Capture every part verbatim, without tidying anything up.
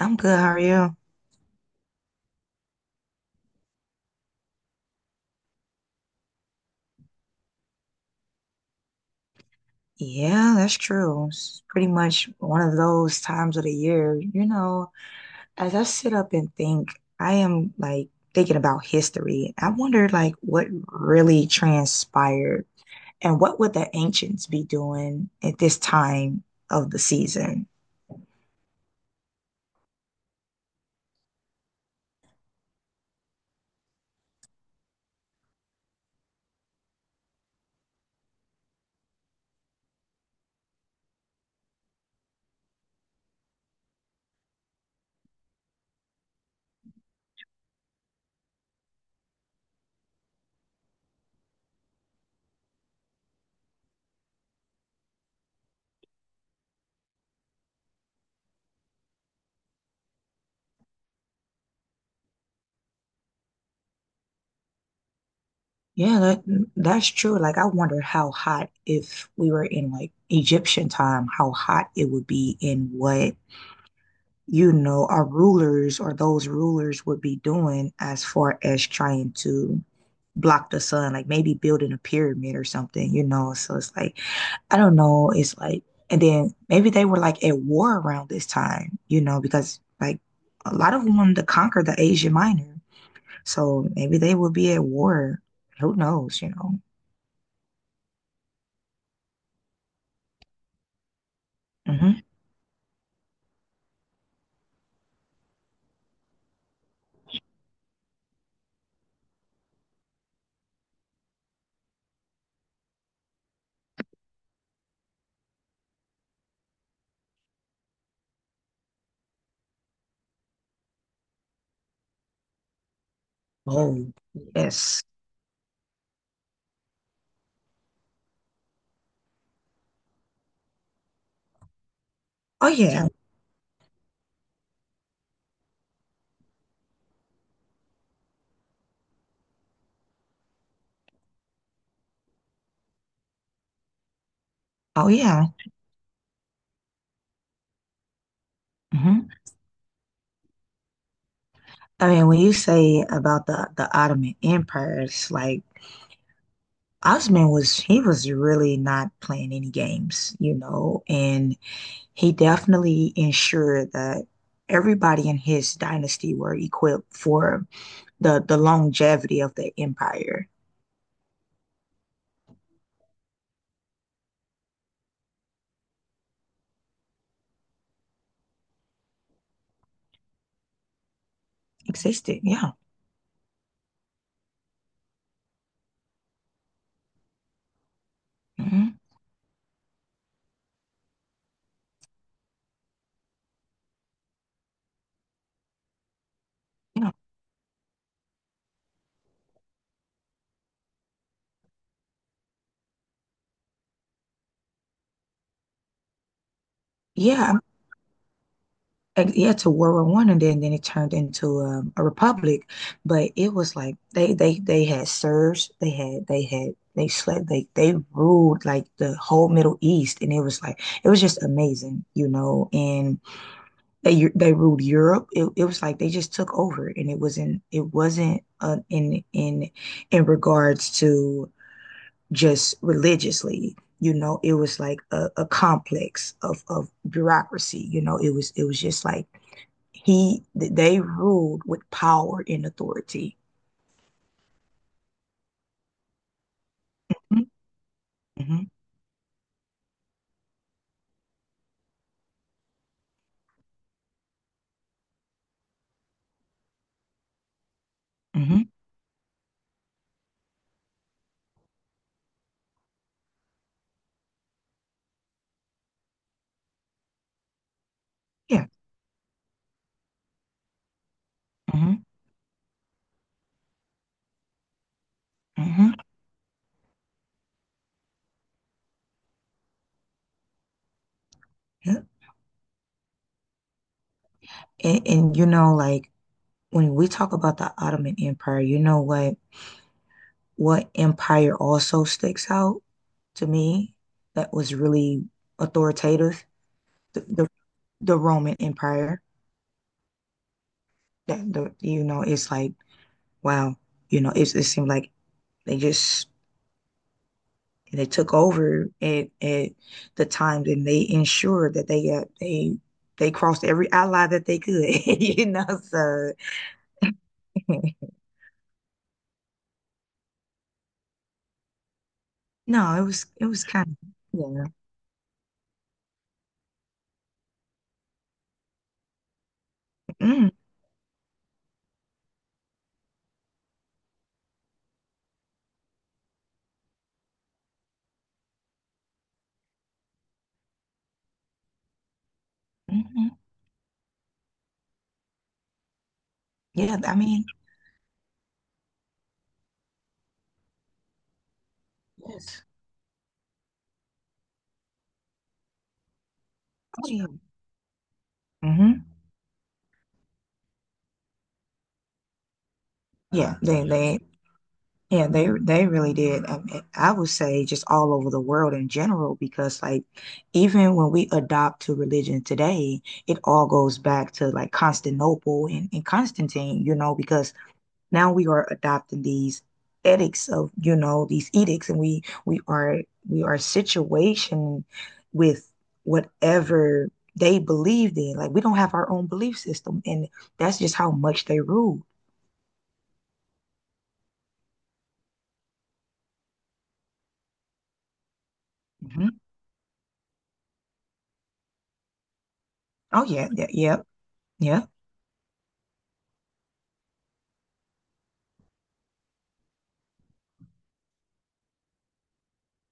I'm good, how are you? Yeah, that's true. It's pretty much one of those times of the year. You know, as I sit up and think, I am like thinking about history. I wonder like what really transpired and what would the ancients be doing at this time of the season? Yeah, that that's true. Like I wonder how hot if we were in like Egyptian time, how hot it would be and what, you know, our rulers or those rulers would be doing as far as trying to block the sun, like maybe building a pyramid or something, you know. So it's like I don't know, it's like and then maybe they were like at war around this time, you know, because like a lot of them wanted to conquer the Asia Minor. So maybe they would be at war. Who knows, you know. Mhm. Oh, yes. Oh, yeah. So, oh, yeah. Hmm. I mean, when you say about the the Ottoman Empire, it's like Osman was he was really not playing any games, you know, and he definitely ensured that everybody in his dynasty were equipped for the the longevity of the empire. Existed. Yeah. Mhm. Yeah. Yeah. I ex- yeah to World War One and then then it turned into um, a republic, but it was like they they they had serfs, they had they had they slept they they ruled like the whole Middle East, and it was like it was just amazing, you know. And they they ruled Europe. It, it was like they just took over, and it wasn't it wasn't uh, in in in regards to just religiously, you know. It was like a, a complex of of bureaucracy, you know. It was it was just like he they ruled with power and authority. Mm-hmm, mm-hmm, yeah, mm-hmm, mm-hmm, yeah. And, and you know, like when we talk about the Ottoman Empire, you know what what empire also sticks out to me that was really authoritative? The the, the Roman Empire. That the you know, it's like wow, you know, it's, it seemed like they just and they took over at, at the time, and they ensured that they uh, they they crossed every ally that they could you know so no it was it was kind of yeah mm, mhm. Yeah, I mean yes, oh, yeah. Hmm. Yeah they they yeah they they really did. I mean, I would say just all over the world in general, because like even when we adopt to religion today it all goes back to like Constantinople and, and Constantine, you know, because now we are adopting these ethics of, you know, these edicts and we we are we are situation with whatever they believed in. Like we don't have our own belief system, and that's just how much they rule. Mhm. Oh yeah, yeah, yeah, yeah.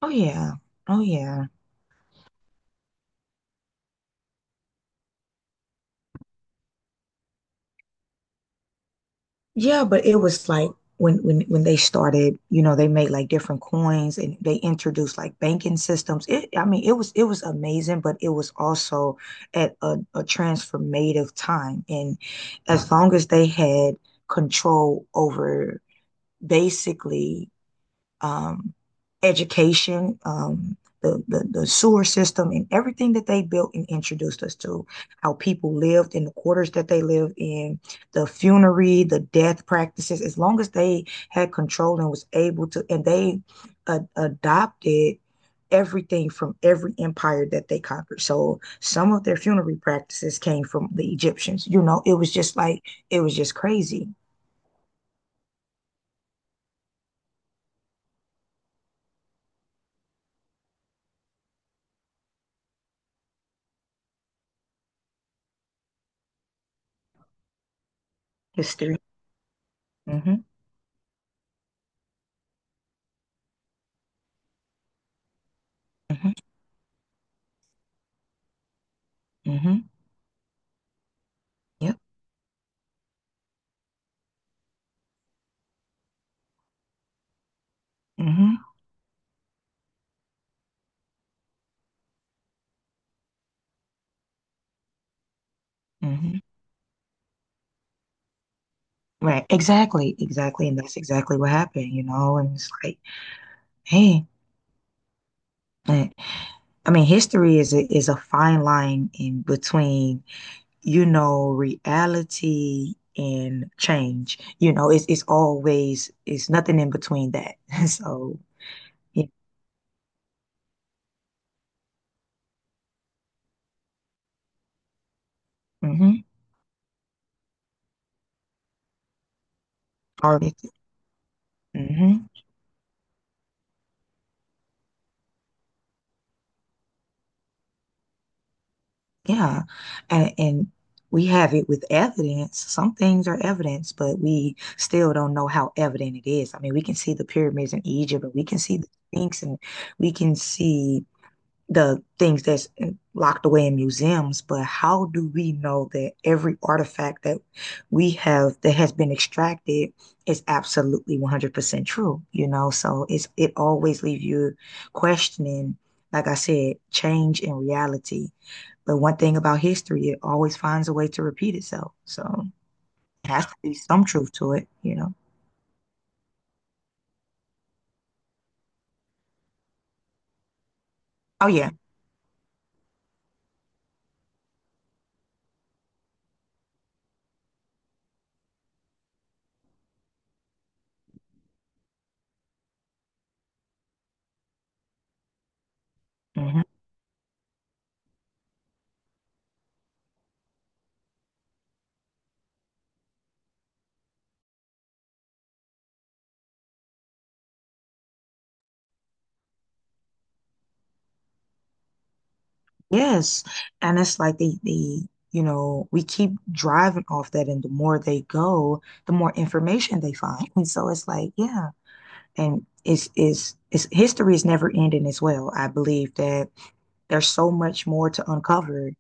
Oh yeah. Oh yeah. Yeah, but it was like when when when they started, you know, they made like different coins and they introduced like banking systems. It, I mean, it was it was amazing, but it was also at a, a transformative time. And as long as they had control over basically um, education, um, the, the, the sewer system, and everything that they built and introduced us to, how people lived in the quarters that they lived in, the funerary, the death practices, as long as they had control and was able to, and they uh, adopted everything from every empire that they conquered. So some of their funerary practices came from the Egyptians. You know, it was just like it was just crazy. History. Mm-hmm. Mm-hmm. Mm-hmm. Yep. Mm-hmm. Mm-hmm. Right. Exactly. Exactly. And that's exactly what happened, you know? And it's like, hey, eh, I mean, history is a, is a fine line in between, you know, reality and change. You know, it's it's always it's nothing in between that. So yeah. Mm-hmm. Mm-hmm. Yeah. And, and we have it with evidence. Some things are evidence, but we still don't know how evident it is. I mean, we can see the pyramids in Egypt and we can see the Sphinx and we can see the things that's uh, locked away in museums, but how do we know that every artifact that we have that has been extracted is absolutely one hundred percent true, you know? So it's it always leaves you questioning, like I said, change in reality. But one thing about history, it always finds a way to repeat itself. So it has to be some truth to it, you know? Oh yeah. Mhm. Yes. And it's like they, they, you know, we keep driving off that, and the more they go, the more information they find. And so it's like, yeah. And it's, it's, it's history is never ending as well. I believe that there's so much more to uncover.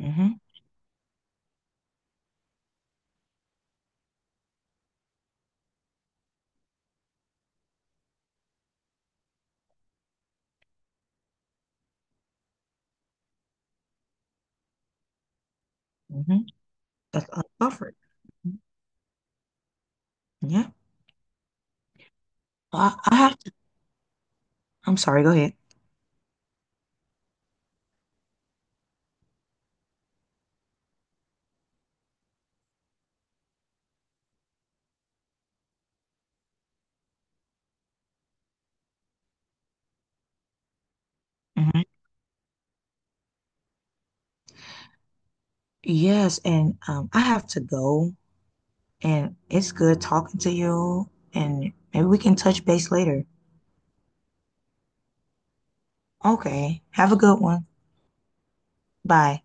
Hmm. Hmm. That's uncovered. Yeah. I, I have to, I'm sorry, go ahead. Hmm. Yes, and um, I have to go, and it's good talking to you, and maybe we can touch base later. Okay, have a good one. Bye.